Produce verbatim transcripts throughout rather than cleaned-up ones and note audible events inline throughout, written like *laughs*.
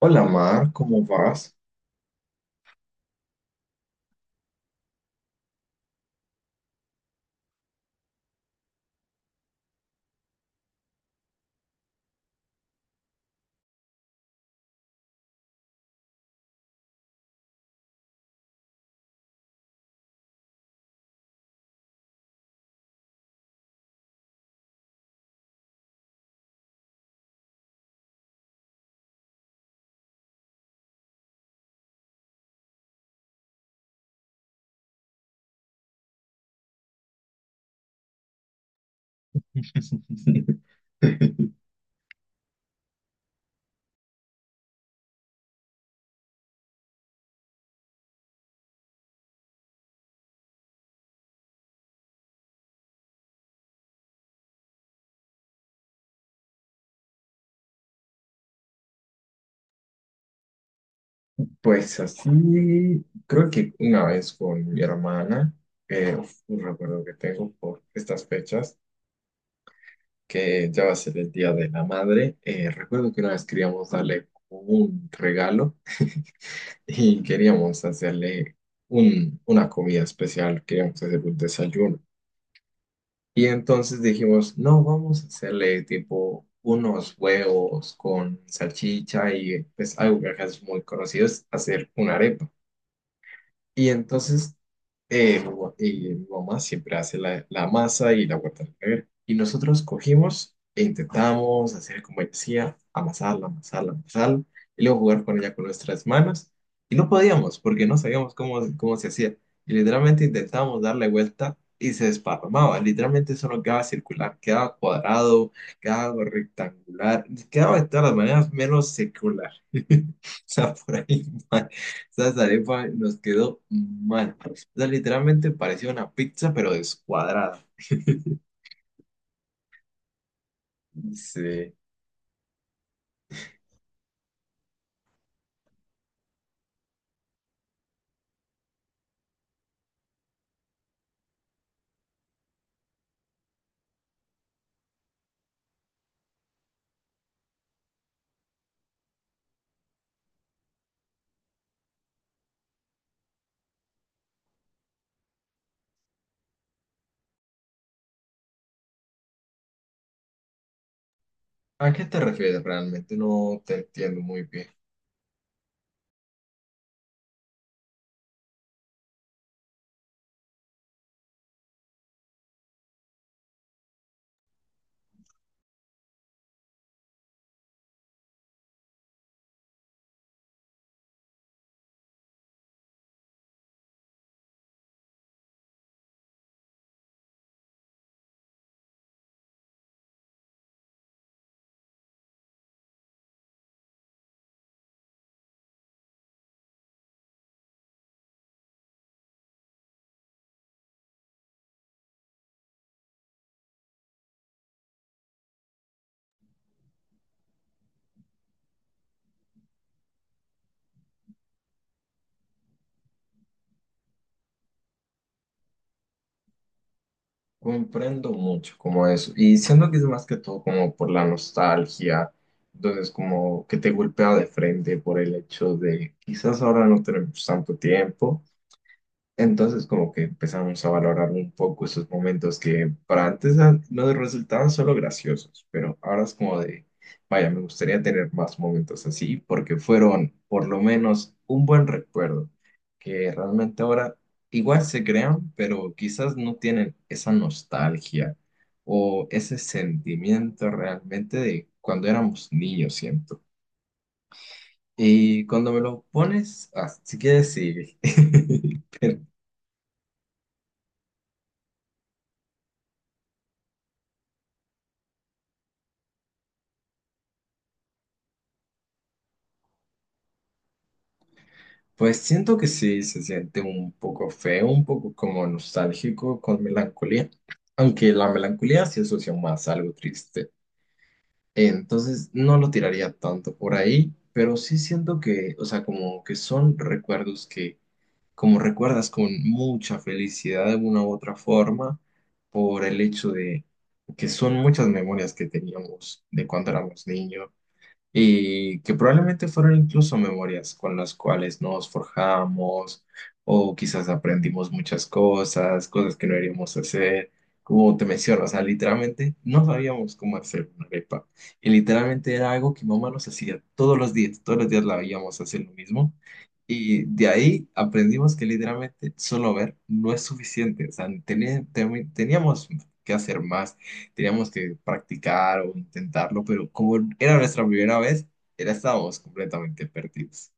Hola Mar, ¿cómo vas? *laughs* Pues así, creo que una vez con mi hermana, eh, uf, un recuerdo que tengo por estas fechas, que ya va a ser el Día de la Madre. Eh, recuerdo que una vez queríamos darle como un regalo *laughs* y queríamos hacerle un- una comida especial, queríamos hacer un desayuno. Y entonces dijimos, no, vamos a hacerle tipo unos huevos con salchicha, y pues algo que acá es muy conocido es hacer una arepa. Y entonces eh, mi ma- y mi mamá siempre hace la, la masa y la guarda en la nevera. Y nosotros cogimos e intentamos hacer como ella decía, amasarla, amasarla, amasarla, y luego jugar con ella con nuestras manos. Y no podíamos porque no sabíamos cómo, cómo se hacía. Y literalmente intentábamos darle vuelta y se desparramaba. Literalmente eso no quedaba circular, quedaba cuadrado, quedaba rectangular, quedaba de todas las maneras menos circular. *laughs* O sea, por ahí. Mal. Esa arepa nos quedó mal. O sea, literalmente parecía una pizza, pero descuadrada. Sí. ¿A qué te refieres realmente? No te entiendo muy bien. Comprendo mucho como eso. Y siento que es más que todo como por la nostalgia. Entonces, como que te golpea de frente por el hecho de quizás ahora no tenemos tanto tiempo. Entonces como que empezamos a valorar un poco esos momentos que para antes ah, nos resultaban solo graciosos, pero ahora es como de, vaya, me gustaría tener más momentos así porque fueron por lo menos un buen recuerdo, que realmente ahora igual se crean, pero quizás no tienen esa nostalgia o ese sentimiento realmente de cuando éramos niños, siento. Y cuando me lo pones, así que decir, *laughs* Pues siento que sí, se siente un poco feo, un poco como nostálgico con melancolía, aunque la melancolía se asocia más a algo triste. Entonces no lo tiraría tanto por ahí, pero sí siento que, o sea, como que son recuerdos que, como recuerdas con mucha felicidad de una u otra forma, por el hecho de que son muchas memorias que teníamos de cuando éramos niños y que probablemente fueron incluso memorias con las cuales nos forjamos o quizás aprendimos muchas cosas, cosas que no deberíamos hacer. Como te menciono, o sea, literalmente no sabíamos cómo hacer una arepa. Y literalmente era algo que mamá nos hacía todos los días, todos los días la veíamos hacer lo mismo. Y de ahí aprendimos que literalmente solo ver no es suficiente, o sea, teni- temi- teníamos que hacer más, teníamos que practicar o intentarlo, pero como era nuestra primera vez, era, estábamos completamente perdidos.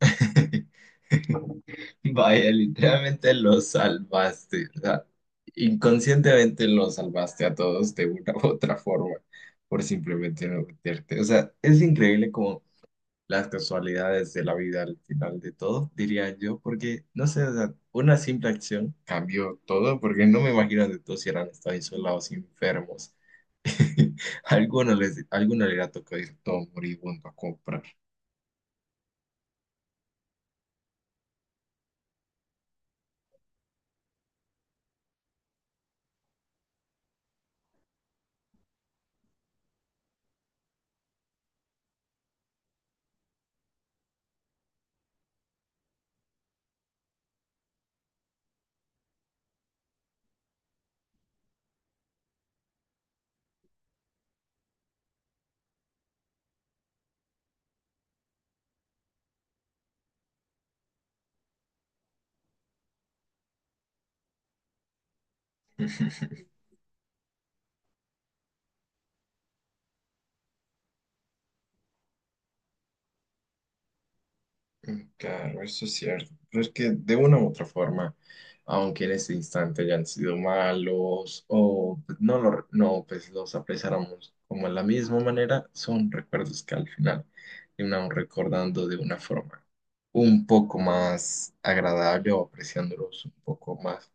*laughs* Vaya, literalmente los salvaste, o sea, inconscientemente los salvaste a todos de una u otra forma por simplemente no meterte. O sea, es increíble como las casualidades de la vida al final de todo, diría yo, porque no sé, o sea, una simple acción cambió todo, porque no me imagino de todos si eran estado isolados, enfermos. *laughs* Alguno les, alguno le ha tocado ir todo moribundo a comprar. *laughs* Claro, eso es cierto. Pero es que de una u otra forma, aunque en ese instante hayan sido malos o pues, no, lo- no pues los apreciáramos como de la misma manera, son recuerdos que al final terminamos recordando de una forma un poco más agradable o apreciándolos un poco más.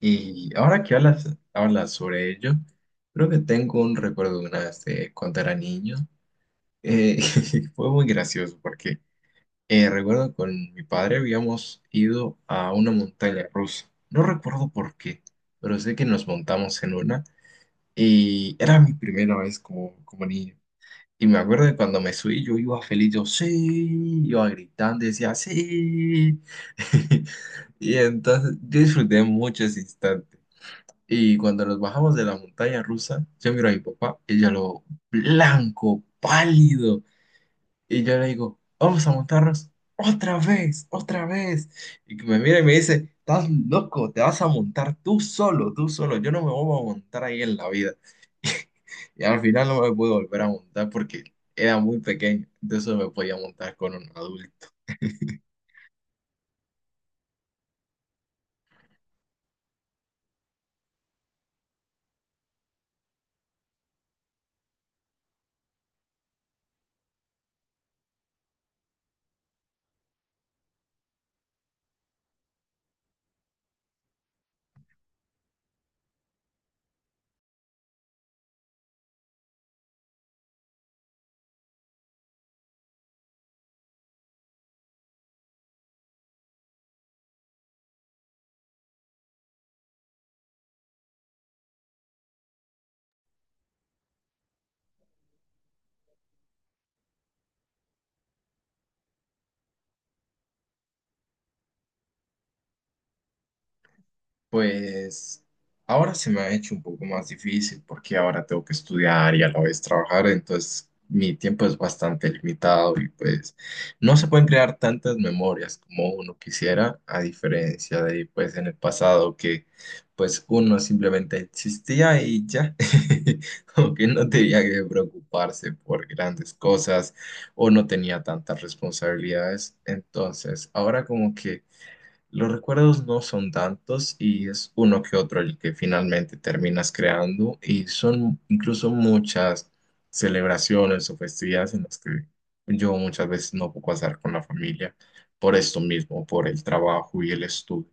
Y ahora que hablas, hablas sobre ello, creo que tengo un recuerdo de una vez de cuando era niño. Eh, *laughs* fue muy gracioso porque eh, recuerdo con mi padre habíamos ido a una montaña rusa. No recuerdo por qué, pero sé que nos montamos en una y era mi primera vez como, como niño. Y me acuerdo de cuando me subí, yo iba feliz, yo sí, iba gritando, decía sí. *laughs* Y entonces yo disfruté mucho ese instante. Y cuando nos bajamos de la montaña rusa, yo miro a mi papá, y ella lo blanco, pálido. Y yo le digo, vamos a montarnos otra vez, otra vez. Y que me mira y me dice, estás loco, te vas a montar tú solo, tú solo. Yo no me voy a montar ahí en la vida. *laughs* Y al final no me pude volver a montar porque era muy pequeño. Entonces me podía montar con un adulto. Pues ahora se me ha hecho un poco más difícil porque ahora tengo que estudiar y a la vez trabajar, entonces mi tiempo es bastante limitado y pues no se pueden crear tantas memorias como uno quisiera, a diferencia de pues en el pasado que pues uno simplemente existía y ya, *laughs* como que no tenía que preocuparse por grandes cosas o no tenía tantas responsabilidades, entonces ahora como que los recuerdos no son tantos y es uno que otro el que finalmente terminas creando, y son incluso muchas celebraciones o festividades en las que yo muchas veces no puedo pasar con la familia por esto mismo, por el trabajo y el estudio.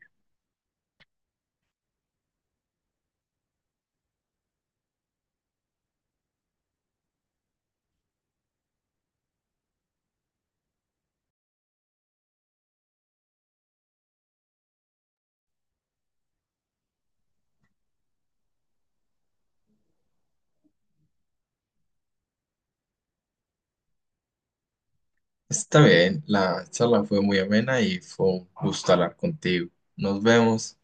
Está bien, la charla fue muy amena y fue un gusto hablar contigo. Nos vemos.